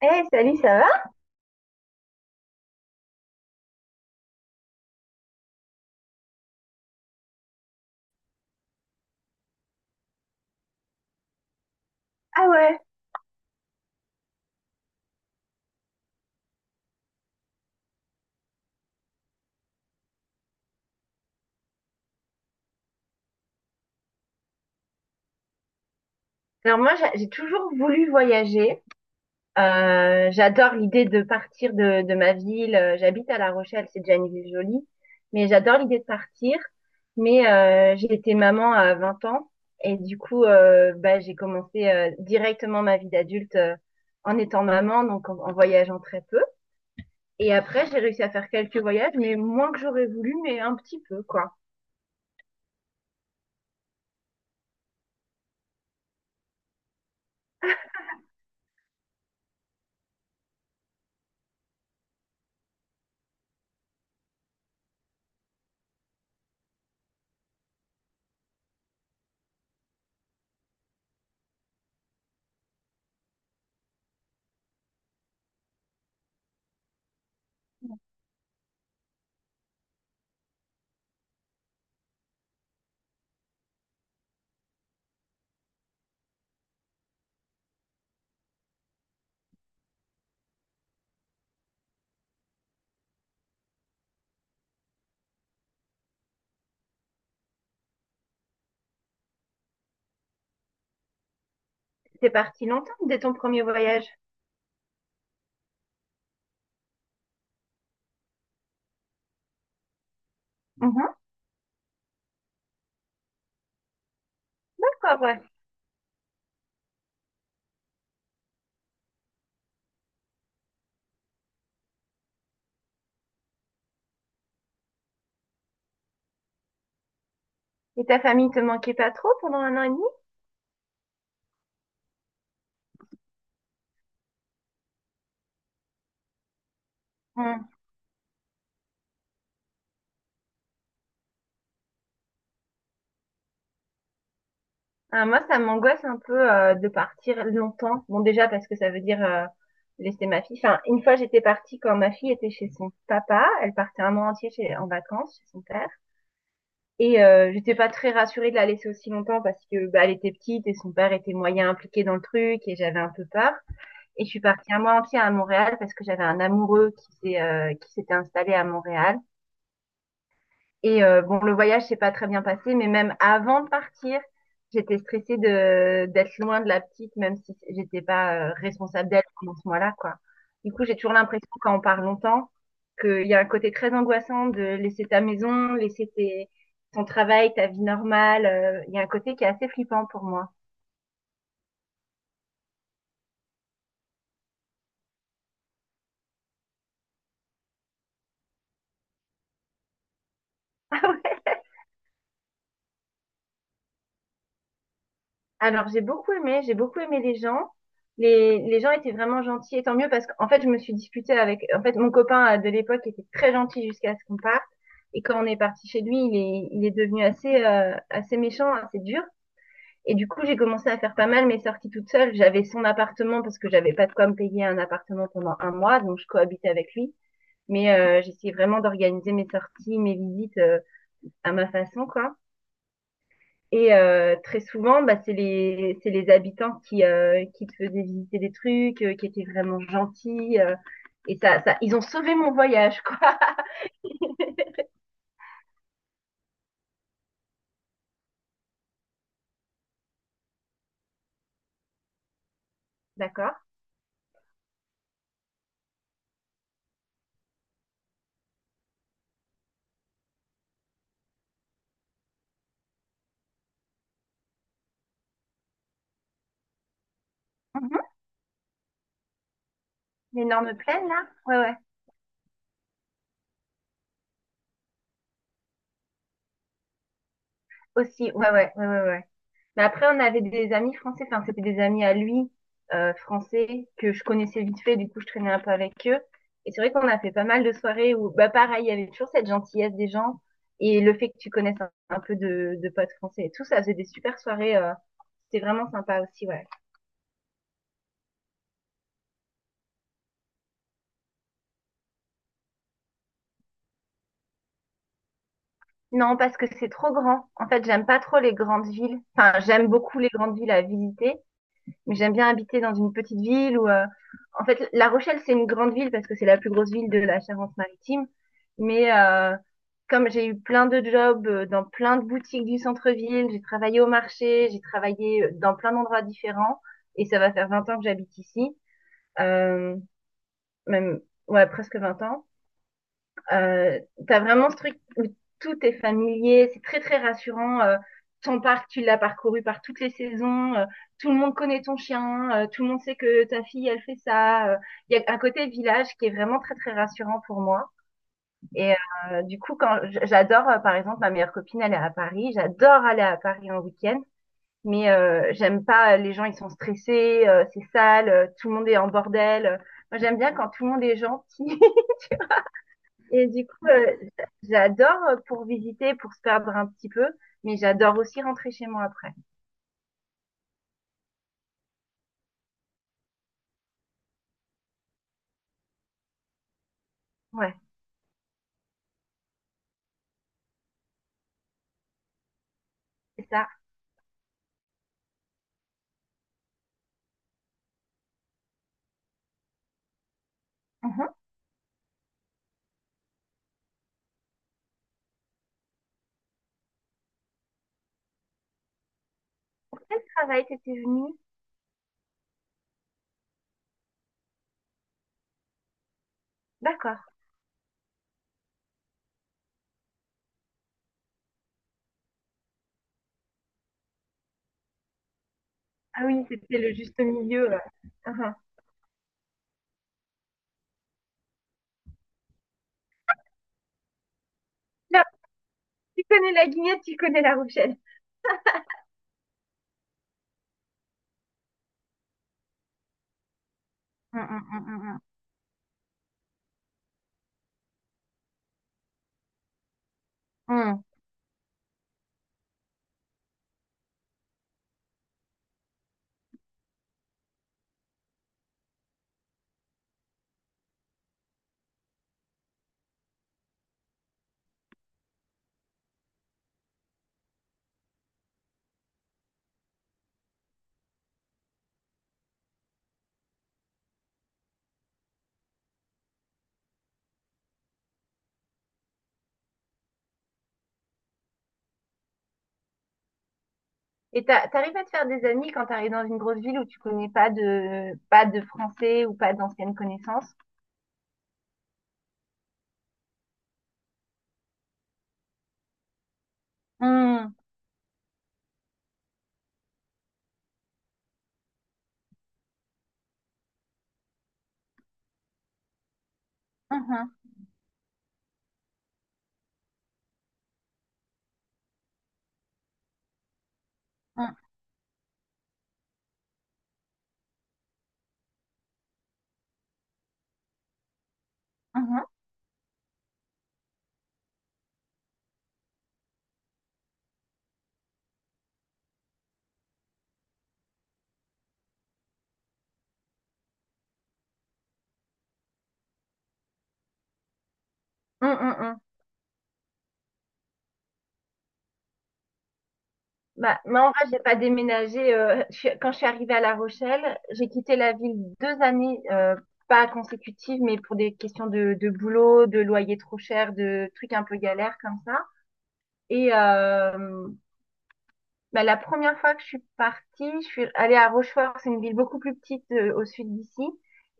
Hey, salut, ça va? Ah ouais. Alors moi, j'ai toujours voulu voyager. J'adore l'idée de partir de ma ville. J'habite à La Rochelle, c'est déjà une ville jolie. Mais j'adore l'idée de partir. Mais j'ai été maman à 20 ans. Et du coup, bah, j'ai commencé directement ma vie d'adulte en étant maman, donc en voyageant très peu. Et après, j'ai réussi à faire quelques voyages, mais moins que j'aurais voulu, mais un petit peu, quoi. T'es parti longtemps dès ton premier voyage? Mhm. D'accord. Et ta famille te manquait pas trop pendant un an et demi? Hmm. Ah, moi, ça m'angoisse un peu de partir longtemps. Bon, déjà parce que ça veut dire laisser ma fille. Enfin, une fois, j'étais partie quand ma fille était chez son papa. Elle partait un mois entier en vacances chez son père. Et j'étais pas très rassurée de la laisser aussi longtemps parce que bah, elle était petite et son père était moyen impliqué dans le truc et j'avais un peu peur. Et je suis partie un mois entier à Montréal parce que j'avais un amoureux qui s'était installé à Montréal. Et bon, le voyage s'est pas très bien passé, mais même avant de partir, j'étais stressée de d'être loin de la petite, même si j'étais pas responsable d'elle pendant ce mois-là, quoi. Du coup, j'ai toujours l'impression, quand on part longtemps, qu'il y a un côté très angoissant de laisser ta maison, laisser ton travail, ta vie normale. Il y a un côté qui est assez flippant pour moi. Alors, j'ai beaucoup aimé les gens. Les gens étaient vraiment gentils, et tant mieux parce qu'en fait, je me suis disputée avec, en fait, mon copain de l'époque était très gentil jusqu'à ce qu'on parte. Et quand on est parti chez lui, il est devenu assez méchant, assez dur. Et du coup, j'ai commencé à faire pas mal mes sorties toute seule. J'avais son appartement parce que j'avais pas de quoi me payer un appartement pendant un mois, donc je cohabitais avec lui. Mais j'essayais vraiment d'organiser mes sorties, mes visites à ma façon, quoi. Et très souvent, bah, c'est les habitants qui te faisaient visiter des trucs, qui étaient vraiment gentils. Et ça, ils ont sauvé mon voyage, quoi. D'accord. Mhm. L'énorme plaine, là? Ouais, ouais. Aussi, ouais, ouais, ouais, ouais, ouais. Mais après, on avait des amis français, enfin, c'était des amis à lui, français, que je connaissais vite fait, du coup, je traînais un peu avec eux. Et c'est vrai qu'on a fait pas mal de soirées où, bah, pareil, il y avait toujours cette gentillesse des gens et le fait que tu connaisses un peu de potes français et tout, ça faisait des super soirées. C'était vraiment sympa aussi, ouais. Non, parce que c'est trop grand. En fait, j'aime pas trop les grandes villes. Enfin, j'aime beaucoup les grandes villes à visiter, mais j'aime bien habiter dans une petite ville où, en fait, La Rochelle, c'est une grande ville parce que c'est la plus grosse ville de la Charente-Maritime. Mais comme j'ai eu plein de jobs dans plein de boutiques du centre-ville, j'ai travaillé au marché, j'ai travaillé dans plein d'endroits différents, et ça va faire 20 ans que j'habite ici, euh, même ouais, presque 20 ans. Euh, tu as vraiment ce truc où tout est familier, c'est très très rassurant. Ton parc, tu l'as parcouru par toutes les saisons, tout le monde connaît ton chien, tout le monde sait que ta fille, elle fait ça. Il y a un côté village qui est vraiment très très rassurant pour moi. Et du coup, quand j'adore, par exemple, ma meilleure copine, elle est à Paris, j'adore aller à Paris en week-end. Mais j'aime pas, les gens ils sont stressés, c'est sale, tout le monde est en bordel. Moi j'aime bien quand tout le monde est gentil, et du coup, j'adore pour visiter, pour se perdre un petit peu, mais j'adore aussi rentrer chez moi après. Ouais, c'est ça. Mhm. Pour quel travail t'étais venue? D'accord. Ah oui, c'était le juste milieu. Mhm. Là, tu connais la guignette, tu connais la Rochelle. Mm, mm, mm, mm, mm. Mm. Et t'arrives à te faire des amis quand t'arrives dans une grosse ville où tu connais pas de français ou pas d'anciennes connaissances? Mm. Mhm. Mm. Mhm. Mm, mm, mm. Bah, moi, en vrai, j'ai pas déménagé. Quand je suis arrivée à La Rochelle, j'ai quitté la ville 2 années, pas consécutives, mais pour des questions de boulot, de loyer trop cher, de trucs un peu galères comme ça. Et bah, la première fois que je suis partie, je suis allée à Rochefort. C'est une ville beaucoup plus petite au sud d'ici.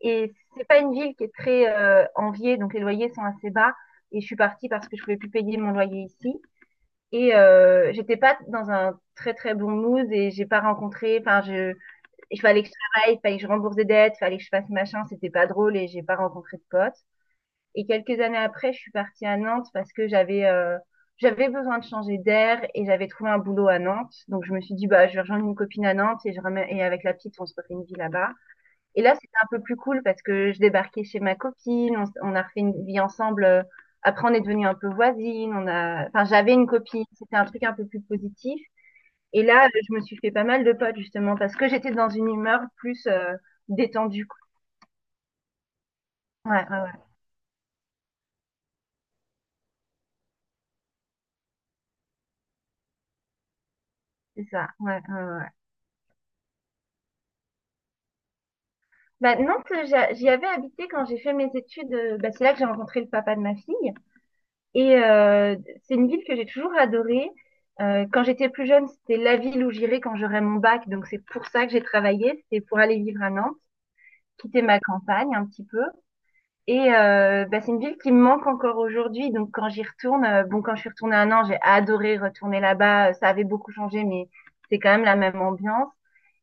Et c'est pas une ville qui est très enviée, donc les loyers sont assez bas. Et je suis partie parce que je pouvais plus payer mon loyer ici. Et j'étais pas dans un très très bon mood et j'ai pas rencontré. Enfin, il fallait que je travaille, il fallait que je rembourse des dettes, il fallait que je fasse machin. C'était pas drôle et j'ai pas rencontré de potes. Et quelques années après, je suis partie à Nantes parce que j'avais besoin de changer d'air et j'avais trouvé un boulot à Nantes. Donc je me suis dit bah je vais rejoindre une copine à Nantes et et avec la petite on se refait une vie là-bas. Et là, c'était un peu plus cool parce que je débarquais chez ma copine, on a refait une vie ensemble. Après, on est devenus un peu voisines. Enfin, j'avais une copine. C'était un truc un peu plus positif. Et là, je me suis fait pas mal de potes justement parce que j'étais dans une humeur plus détendue, quoi. Ouais, ouais, ouais, c'est ça. Ouais, ouais, ouais, ouais. Bah, Nantes, j'y avais habité quand j'ai fait mes études. Bah, c'est là que j'ai rencontré le papa de ma fille. Et c'est une ville que j'ai toujours adorée. Quand j'étais plus jeune, c'était la ville où j'irais quand j'aurais mon bac. Donc c'est pour ça que j'ai travaillé. C'était pour aller vivre à Nantes, quitter ma campagne un petit peu. Et bah, c'est une ville qui me manque encore aujourd'hui. Donc quand j'y retourne, bon quand je suis retournée à Nantes, j'ai adoré retourner là-bas. Ça avait beaucoup changé, mais c'est quand même la même ambiance.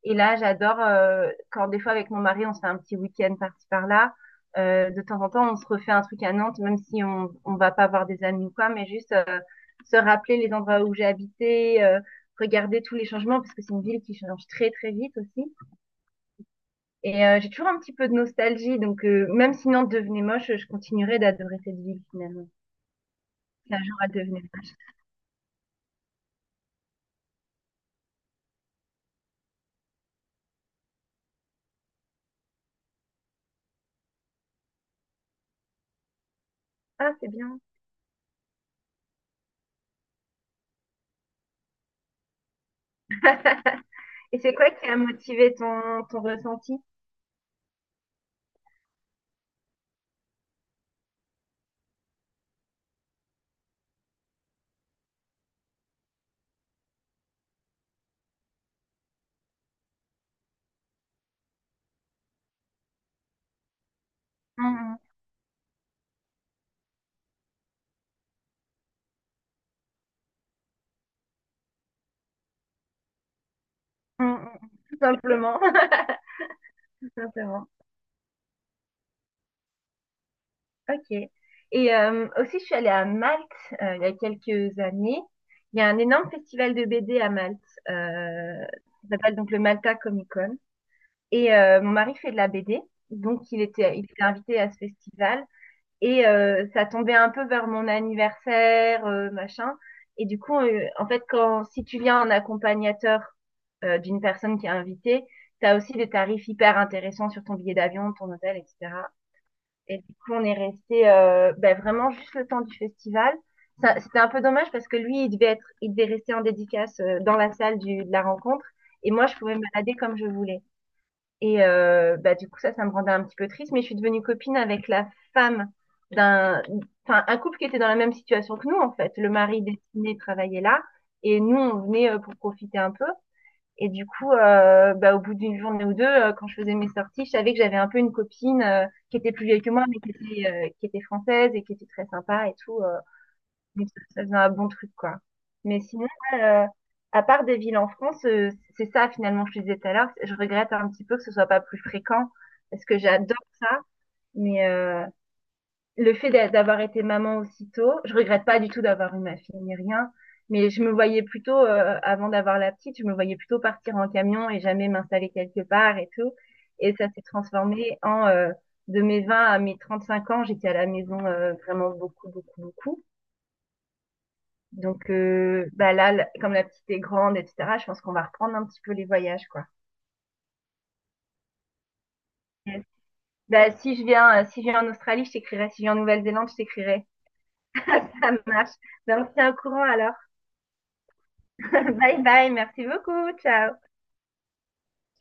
Et là, j'adore quand des fois avec mon mari, on se fait un petit week-end par-ci par-là. De temps en temps, on se refait un truc à Nantes, même si on va pas voir des amis ou quoi, mais juste se rappeler les endroits où j'ai habité, regarder tous les changements parce que c'est une ville qui change très très vite aussi. Et j'ai toujours un petit peu de nostalgie, donc même si Nantes devenait moche, je continuerai d'adorer cette ville finalement. Si un jour elle devenait moche. Ah, c'est bien. Et c'est quoi qui a motivé ton ressenti? Hum, hum, hum. Tout simplement. Tout simplement. Ok. Et aussi, je suis allée à Malte il y a quelques années. Il y a un énorme festival de BD à Malte. Euh, ça s'appelle donc le Malta Comic Con. Et mon mari fait de la BD. Donc, il était invité à ce festival. Et ça tombait un peu vers mon anniversaire, machin. Et du coup, en fait, quand si tu viens en accompagnateur d'une personne qui est invitée, t'as aussi des tarifs hyper intéressants sur ton billet d'avion, ton hôtel, etc. Et du coup, on est resté ben, vraiment juste le temps du festival. C'était un peu dommage parce que lui, il devait rester en dédicace dans la salle de la rencontre. Et moi, je pouvais me balader comme je voulais. Et bah, du coup, ça me rendait un petit peu triste, mais je suis devenue copine avec la femme d'un, enfin, un couple qui était dans la même situation que nous, en fait. Le mari destiné travaillait là, et nous, on venait pour profiter un peu. Et du coup, bah, au bout d'une journée ou deux, quand je faisais mes sorties, je savais que j'avais un peu une copine qui était plus vieille que moi, mais qui était française et qui était très sympa et tout. Donc, ça faisait un bon truc, quoi. Mais sinon, ouais, à part des villes en France, c'est ça finalement, que je disais tout à l'heure, je regrette un petit peu que ce soit pas plus fréquent, parce que j'adore ça, mais le fait d'avoir été maman aussitôt, je regrette pas du tout d'avoir eu ma fille ni rien, mais je me voyais plutôt, avant d'avoir la petite, je me voyais plutôt partir en camion et jamais m'installer quelque part et tout, et ça s'est transformé en de mes 20 à mes 35 ans, j'étais à la maison vraiment beaucoup, beaucoup, beaucoup. Donc bah là, comme la petite est grande, etc., je pense qu'on va reprendre un petit peu les voyages, quoi. Yes. Bah, si je viens en Australie, je t'écrirai. Si je viens en Nouvelle-Zélande, je t'écrirai. Ça marche. Donc on se au courant alors. Bye bye, merci beaucoup, ciao.